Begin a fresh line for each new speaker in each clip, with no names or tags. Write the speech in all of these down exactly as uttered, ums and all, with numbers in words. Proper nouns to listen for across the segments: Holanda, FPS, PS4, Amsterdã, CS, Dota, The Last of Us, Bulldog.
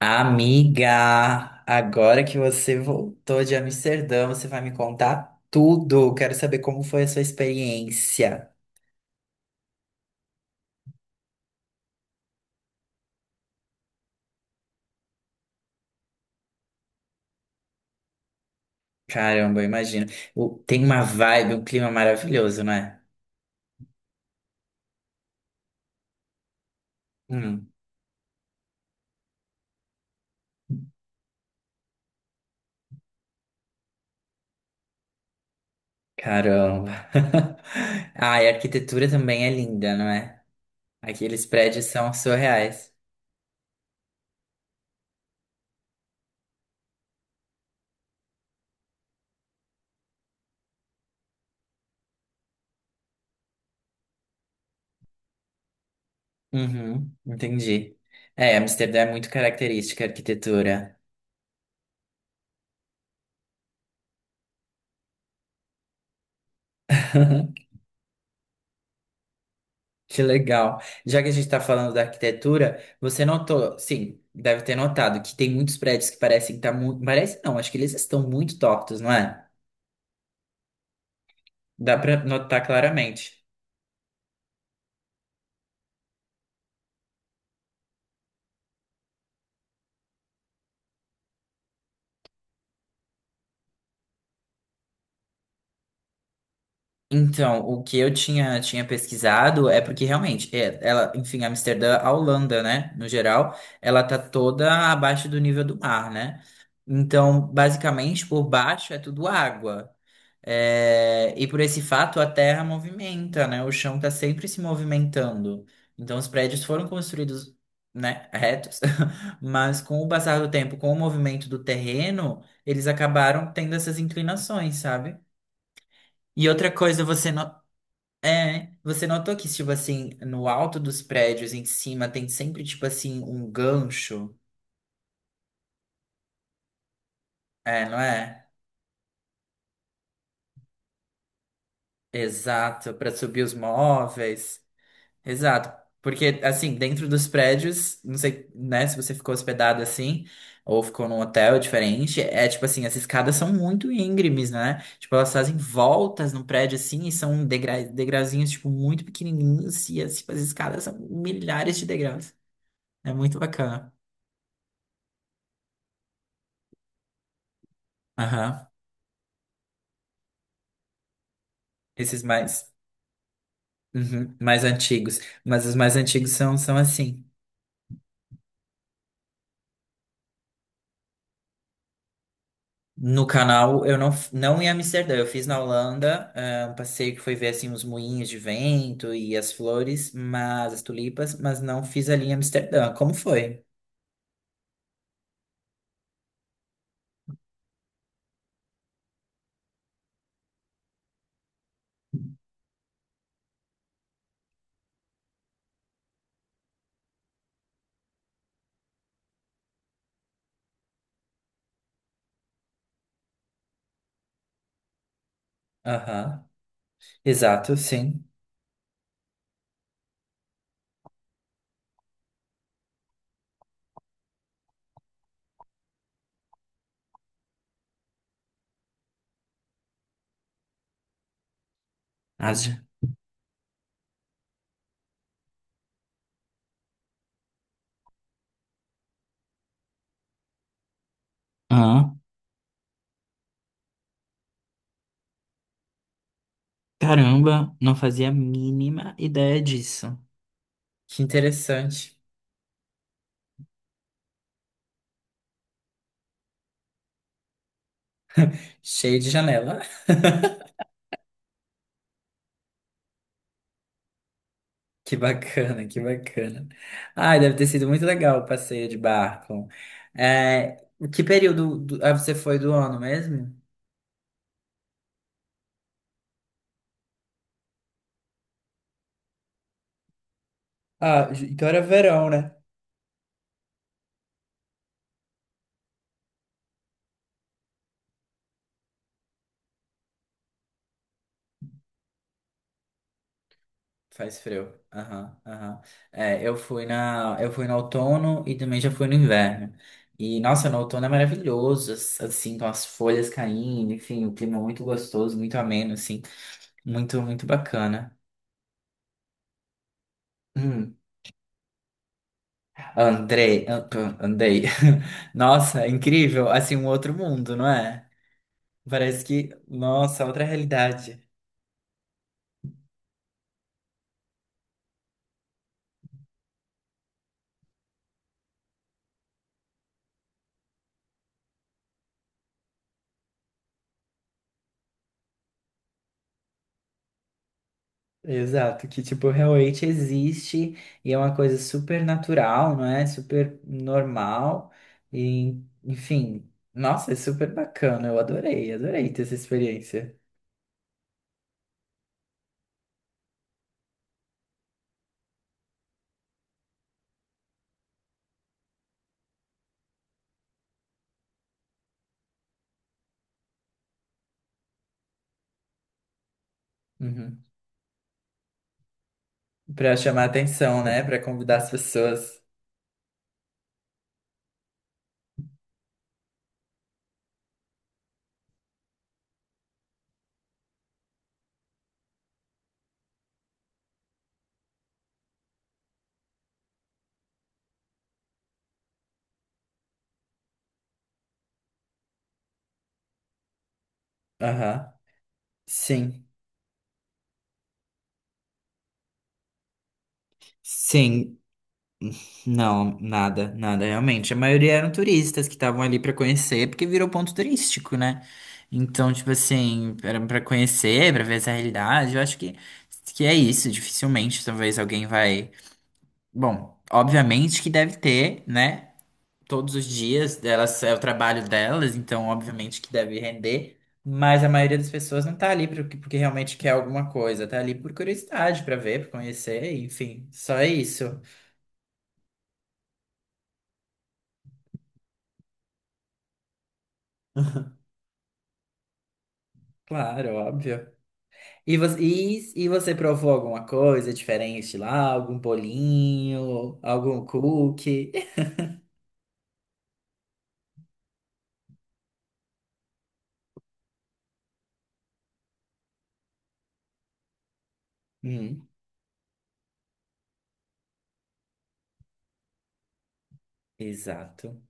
Amiga, agora que você voltou de Amsterdã, você vai me contar tudo. Quero saber como foi a sua experiência. Caramba, eu imagino. O- Tem uma vibe, um clima maravilhoso, não é? Hum, caramba. Ah, e a arquitetura também é linda, não é? Aqueles prédios são surreais. Uhum, entendi. É, Amsterdã é muito característica a arquitetura. Que legal. Já que a gente está falando da arquitetura, você notou, sim, deve ter notado que tem muitos prédios que parecem estar muito. Parece não, acho que eles estão muito tortos, não é? Dá para notar claramente. Então, o que eu tinha, tinha pesquisado é porque realmente, é, ela, enfim, Amsterdã, a Holanda, né, no geral, ela tá toda abaixo do nível do mar, né? Então, basicamente, por baixo é tudo água. É, e por esse fato, a terra movimenta, né? O chão tá sempre se movimentando. Então, os prédios foram construídos, né, retos, mas com o passar do tempo, com o movimento do terreno, eles acabaram tendo essas inclinações, sabe? E outra coisa, você no- é, você notou que, tipo assim, no alto dos prédios em cima tem sempre, tipo assim, um gancho, é, não é? Exato, para subir os móveis. Exato, porque, assim, dentro dos prédios, não sei, né, se você ficou hospedado assim, ou ficou num hotel diferente, é tipo assim, as escadas são muito íngremes, né? Tipo, elas fazem voltas no prédio assim, e são degra degrauzinhos, tipo, muito pequenininhos, e as, tipo, as escadas são milhares de degraus. É muito bacana. Aham. Esses mais, uhum, mais antigos. Mas os mais antigos são, são assim. No canal, eu não, f- não em Amsterdã, eu fiz na Holanda, eh, um passeio que foi ver assim os moinhos de vento e as flores, mas as tulipas, mas não fiz ali em Amsterdã. Como foi? Aham. Exato, sim. Haja. Ah, caramba, não fazia a mínima ideia disso. Que interessante. Cheio de janela. Que bacana, que bacana. Ai, deve ter sido muito legal o passeio de barco. É, que período do- ah, você foi do ano mesmo? Ah, ju- então era verão, né? Faz frio. Aham, aham. É, eu fui na, eu fui no outono e também já fui no inverno. E, nossa, no outono é maravilhoso, as- assim, com as folhas caindo, enfim, o clima muito gostoso, muito ameno, assim, muito, muito bacana. Hum. Andrei, an- p- andei. Nossa, incrível, assim, um outro mundo, não é? Parece que, nossa, outra realidade. Exato, que tipo, realmente existe e é uma coisa super natural, não é? Super normal e, enfim, nossa, é super bacana. Eu adorei, adorei ter essa experiência. Uhum. Pra chamar atenção, né? Pra convidar as pessoas. Aham. Sim. Sim. Não, nada, nada, realmente. A maioria eram turistas que estavam ali pra conhecer, porque virou ponto turístico, né? Então, tipo assim, era pra conhecer, pra ver essa realidade. Eu acho que, que é isso. Dificilmente, talvez alguém vai. Bom, obviamente que deve ter, né? Todos os dias delas é o trabalho delas, então obviamente que deve render. Mas a maioria das pessoas não tá ali porque, porque realmente quer alguma coisa, tá ali por curiosidade, pra ver, pra conhecer, enfim. Só isso. Claro, óbvio. E você, e, e você provou alguma coisa diferente lá? Algum bolinho? Algum cookie? Hum, exato,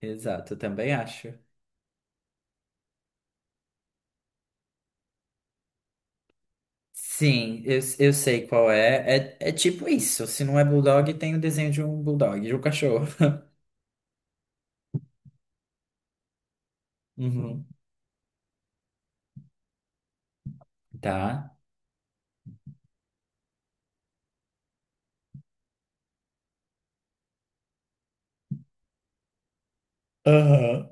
exato, eu também acho. Sim, eu, eu sei qual é. É, é tipo isso. Se não é bulldog, tem o desenho de um bulldog, de um cachorro. Uhum. Tá? Aham.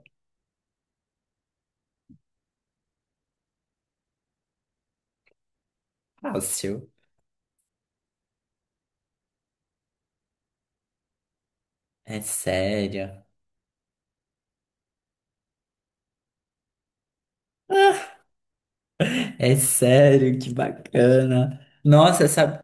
Fácil. É sério. É sério, que bacana. Nossa, sabe?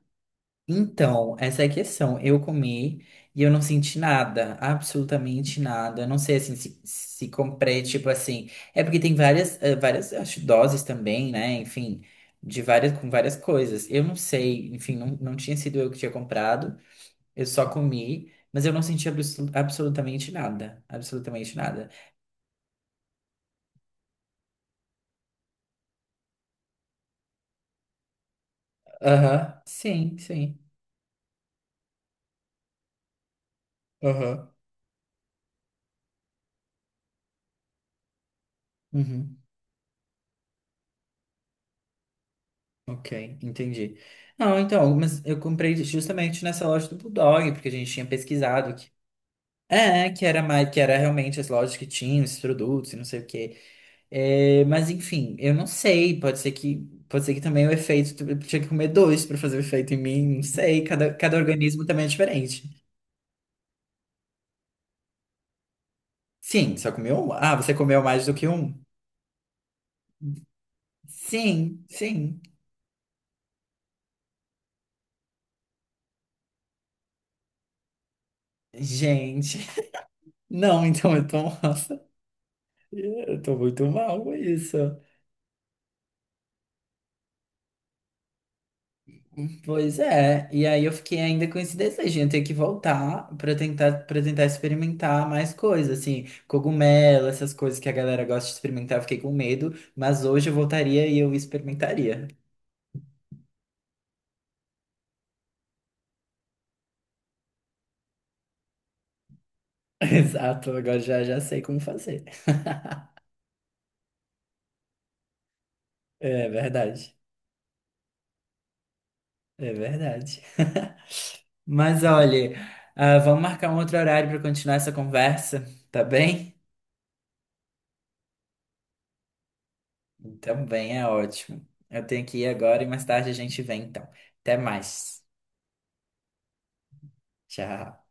Então, essa é a questão. Eu comi e eu não senti nada, absolutamente nada. Eu não sei assim se, se comprei, tipo assim. É porque tem várias, eh, várias acho, doses também, né? Enfim, de várias, com várias coisas. Eu não sei, enfim, não, não tinha sido eu que tinha comprado. Eu só comi, mas eu não senti abso- absolutamente nada. Absolutamente nada. Aham, sim, sim. Aham. Uhum. Ok, entendi. Não, então, mas eu comprei justamente nessa loja do Bulldog, porque a gente tinha pesquisado que é, que era mais, que era realmente as lojas que tinham esses produtos e não sei o quê. É, mas enfim, eu não sei, pode ser que pode ser que também o efeito eu tinha que comer dois para fazer o efeito em mim, não sei, cada, cada organismo também é diferente. Sim, só comeu um. Ah, você comeu mais do que um? Sim, sim. Gente, não, então eu tô, nossa, eu tô muito mal com isso. Pois é, e aí eu fiquei ainda com esse desejo, de eu ter que voltar para tentar para tentar experimentar mais coisas, assim, cogumelo, essas coisas que a galera gosta de experimentar, eu fiquei com medo, mas hoje eu voltaria e eu experimentaria. Exato, agora já já sei como fazer. É verdade, é verdade. Mas olha, ah, vamos marcar um outro horário para continuar essa conversa, tá bem? Então, bem, é ótimo. Eu tenho que ir agora e mais tarde a gente vem, então. Até mais. Tchau.